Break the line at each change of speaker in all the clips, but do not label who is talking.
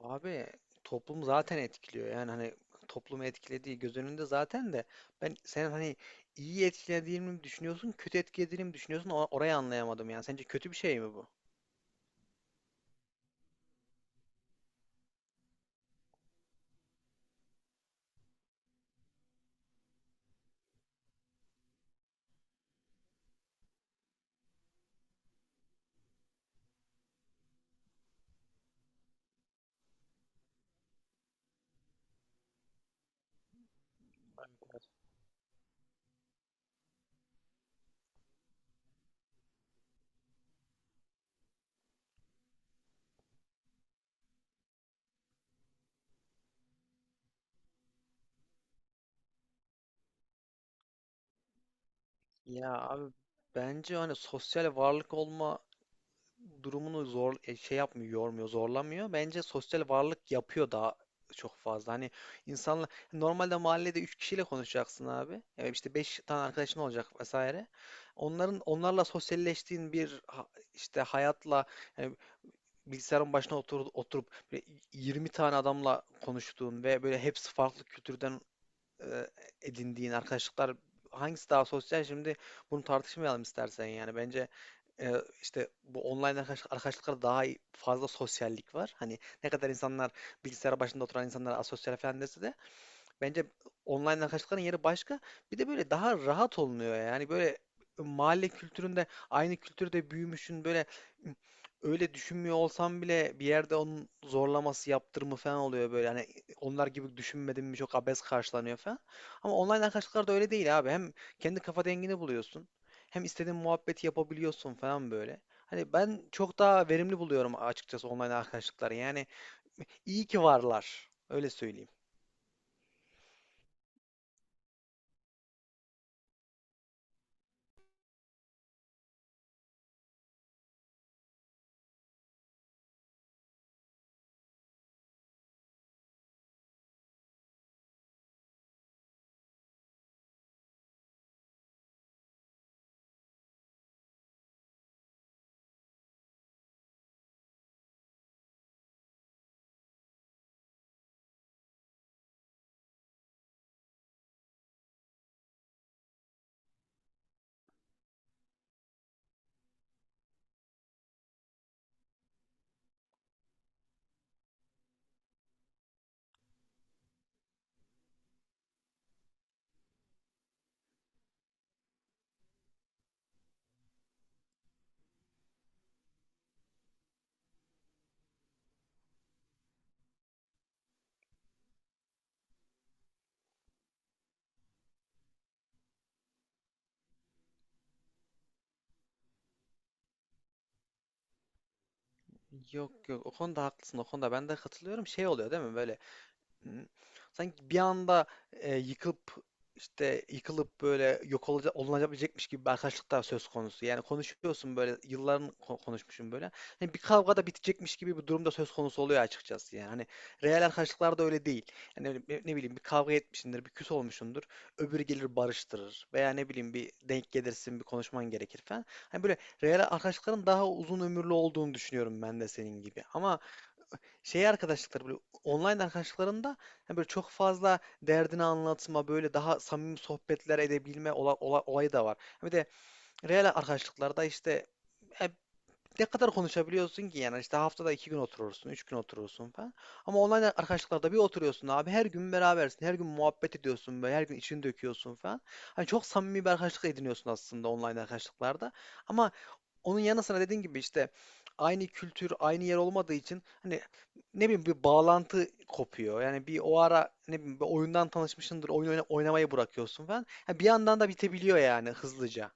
Abi toplum zaten etkiliyor. Yani hani toplumu etkilediği göz önünde zaten de ben sen hani iyi etkilediğini mi düşünüyorsun, kötü etkilediğini mi düşünüyorsun? Orayı anlayamadım yani. Sence kötü bir şey mi bu? Ya abi bence hani sosyal varlık olma durumunu zor şey yapmıyor, yormuyor, zorlamıyor. Bence sosyal varlık yapıyor daha çok fazla. Hani insanla normalde mahallede 3 kişiyle konuşacaksın abi. Evet işte 5 tane arkadaşın olacak vesaire. Onların onlarla sosyalleştiğin bir işte hayatla yani bilgisayarın başına otur, oturup böyle 20 tane adamla konuştuğun ve böyle hepsi farklı kültürden e, edindiğin arkadaşlıklar hangisi daha sosyal şimdi bunu tartışmayalım istersen yani bence e, işte bu online arkadaşlıklarda fazla sosyallik var. Hani ne kadar insanlar bilgisayar başında oturan insanlar asosyal falan dese de bence online'dan kaçtıkların yeri başka. Bir de böyle daha rahat olunuyor yani böyle mahalle kültüründe aynı kültürde büyümüşün böyle öyle düşünmüyor olsam bile bir yerde onun zorlaması yaptırımı falan oluyor böyle hani onlar gibi düşünmedim mi çok abes karşılanıyor falan. Ama online'dan kaçtıklar da öyle değil abi. Hem kendi kafa dengini buluyorsun. Hem istediğin muhabbeti yapabiliyorsun falan böyle. Hani ben çok daha verimli buluyorum açıkçası online arkadaşlıkları. Yani iyi ki varlar. Öyle söyleyeyim. Yok yok, o konuda haklısın, o konuda ben de katılıyorum, şey oluyor değil mi böyle. Hı. Sanki bir anda e, yıkılıp yıkılıp böyle yok olacak olunabilecekmiş gibi bir arkadaşlıklar söz konusu. Yani konuşuyorsun böyle yılların konuşmuşum böyle. Hani bir kavga da bitecekmiş gibi bir durumda söz konusu oluyor açıkçası yani. Hani real arkadaşlıklar da öyle değil. Yani ne bileyim bir kavga etmişsindir, bir küs olmuşsundur. Öbürü gelir barıştırır veya ne bileyim bir denk gelirsin, bir konuşman gerekir falan. Hani böyle real arkadaşlıkların daha uzun ömürlü olduğunu düşünüyorum ben de senin gibi. Ama şey arkadaşlıkları böyle online arkadaşlıklarında hani böyle çok fazla derdini anlatma böyle daha samimi sohbetler edebilme olayı da var. Bir de real arkadaşlıklarda işte e, ne kadar konuşabiliyorsun ki yani işte haftada 2 gün oturursun, 3 gün oturursun falan. Ama online arkadaşlıklarda bir oturuyorsun abi her gün berabersin, her gün muhabbet ediyorsun böyle her gün içini döküyorsun falan. Hani çok samimi bir arkadaşlık ediniyorsun aslında online arkadaşlıklarda. Ama onun yanı sıra dediğin gibi işte aynı kültür, aynı yer olmadığı için hani ne bileyim bir bağlantı kopuyor. Yani bir o ara ne bileyim bir oyundan tanışmışsındır, oynamayı bırakıyorsun falan. Ha, bir yandan da bitebiliyor yani hızlıca.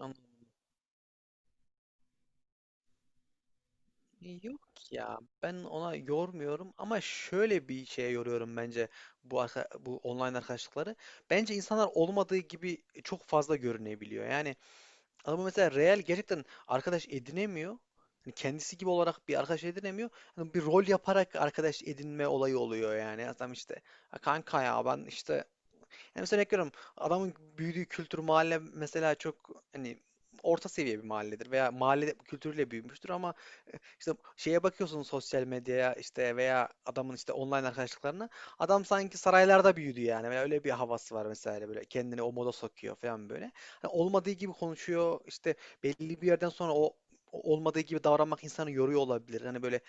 An- Yok ya, ben ona yormuyorum ama şöyle bir şeye yoruyorum, bence bu bu online arkadaşlıkları. Bence insanlar olmadığı gibi çok fazla görünebiliyor. Yani ama mesela real gerçekten arkadaş edinemiyor. Hani kendisi gibi olarak bir arkadaş edinemiyor. Hani bir rol yaparak arkadaş edinme olayı oluyor yani. Adam işte "Ha kanka ya ben işte", yani mesela örnek veriyorum, adamın büyüdüğü kültür mahalle mesela çok hani orta seviye bir mahalledir veya mahalle kültürüyle büyümüştür ama işte şeye bakıyorsun sosyal medyaya, işte veya adamın işte online arkadaşlıklarına. Adam sanki saraylarda büyüdü yani. Veya öyle bir havası var mesela, böyle kendini o moda sokuyor falan böyle. Hani olmadığı gibi konuşuyor. İşte belli bir yerden sonra o olmadığı gibi davranmak insanı yoruyor olabilir. Hani böyle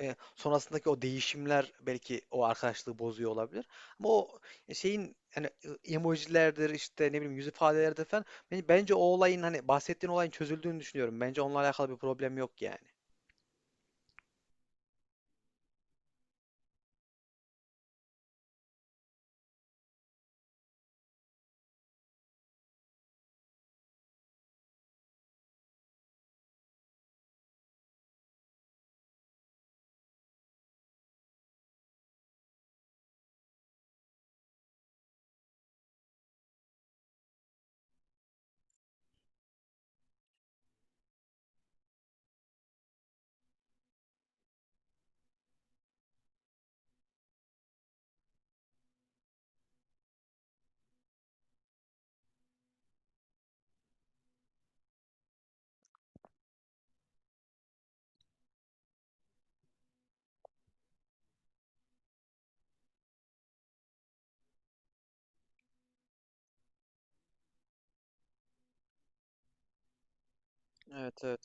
sonrasındaki o değişimler belki o arkadaşlığı bozuyor olabilir. Ama o şeyin hani emojilerdir işte ne bileyim yüz ifadeleridir falan, bence o olayın hani bahsettiğin olayın çözüldüğünü düşünüyorum. Bence onunla alakalı bir problem yok yani. Evet evet.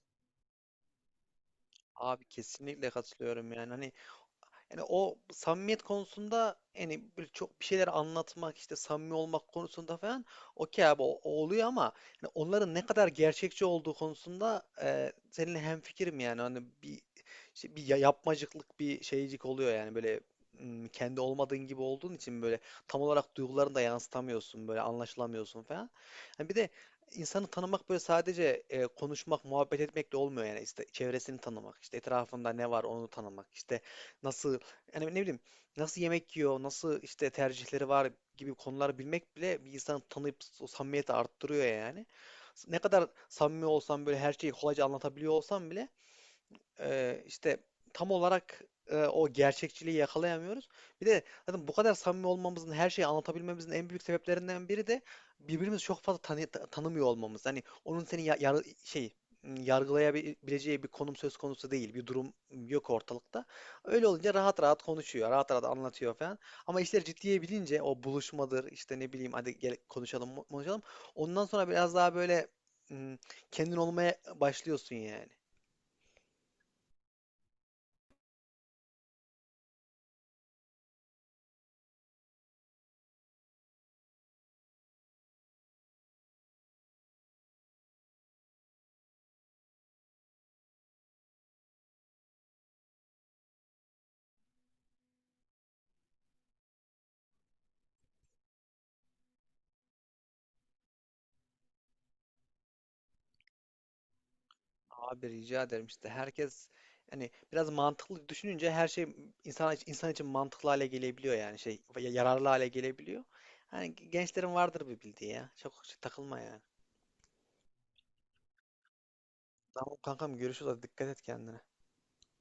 Abi kesinlikle katılıyorum yani hani, yani o samimiyet konusunda yani böyle çok bir şeyler anlatmak işte samimi olmak konusunda falan okey abi, o oluyor ama yani onların ne kadar gerçekçi olduğu konusunda seninle hemfikirim yani hani bir işte bir yapmacıklık bir şeycik oluyor yani böyle, kendi olmadığın gibi olduğun için böyle tam olarak duygularını da yansıtamıyorsun, böyle anlaşılamıyorsun falan. Yani bir de insanı tanımak böyle sadece konuşmak, muhabbet etmekle olmuyor yani işte çevresini tanımak, işte etrafında ne var onu tanımak, işte nasıl, yani ne bileyim nasıl yemek yiyor, nasıl işte tercihleri var gibi konuları bilmek bile bir insanı tanıyıp o samimiyeti arttırıyor yani. Ne kadar samimi olsam böyle her şeyi kolayca anlatabiliyor olsam bile işte tam olarak o gerçekçiliği yakalayamıyoruz. Bir de zaten bu kadar samimi olmamızın, her şeyi anlatabilmemizin en büyük sebeplerinden biri de birbirimizi çok fazla tanımıyor olmamız. Hani onun seni yargılayabileceği bir konum söz konusu değil, bir durum yok ortalıkta. Öyle olunca rahat rahat konuşuyor, rahat rahat anlatıyor falan. Ama işler ciddiye bilince o buluşmadır, işte ne bileyim hadi gel konuşalım, konuşalım. Ondan sonra biraz daha böyle m, kendin olmaya başlıyorsun yani. Abi rica ederim, işte herkes hani biraz mantıklı düşününce her şey insan için, insan için mantıklı hale gelebiliyor yani yararlı hale gelebiliyor. Hani gençlerin vardır bir bildiği ya. Çok şey takılma yani. Tamam kankam, görüşürüz, hadi dikkat et kendine.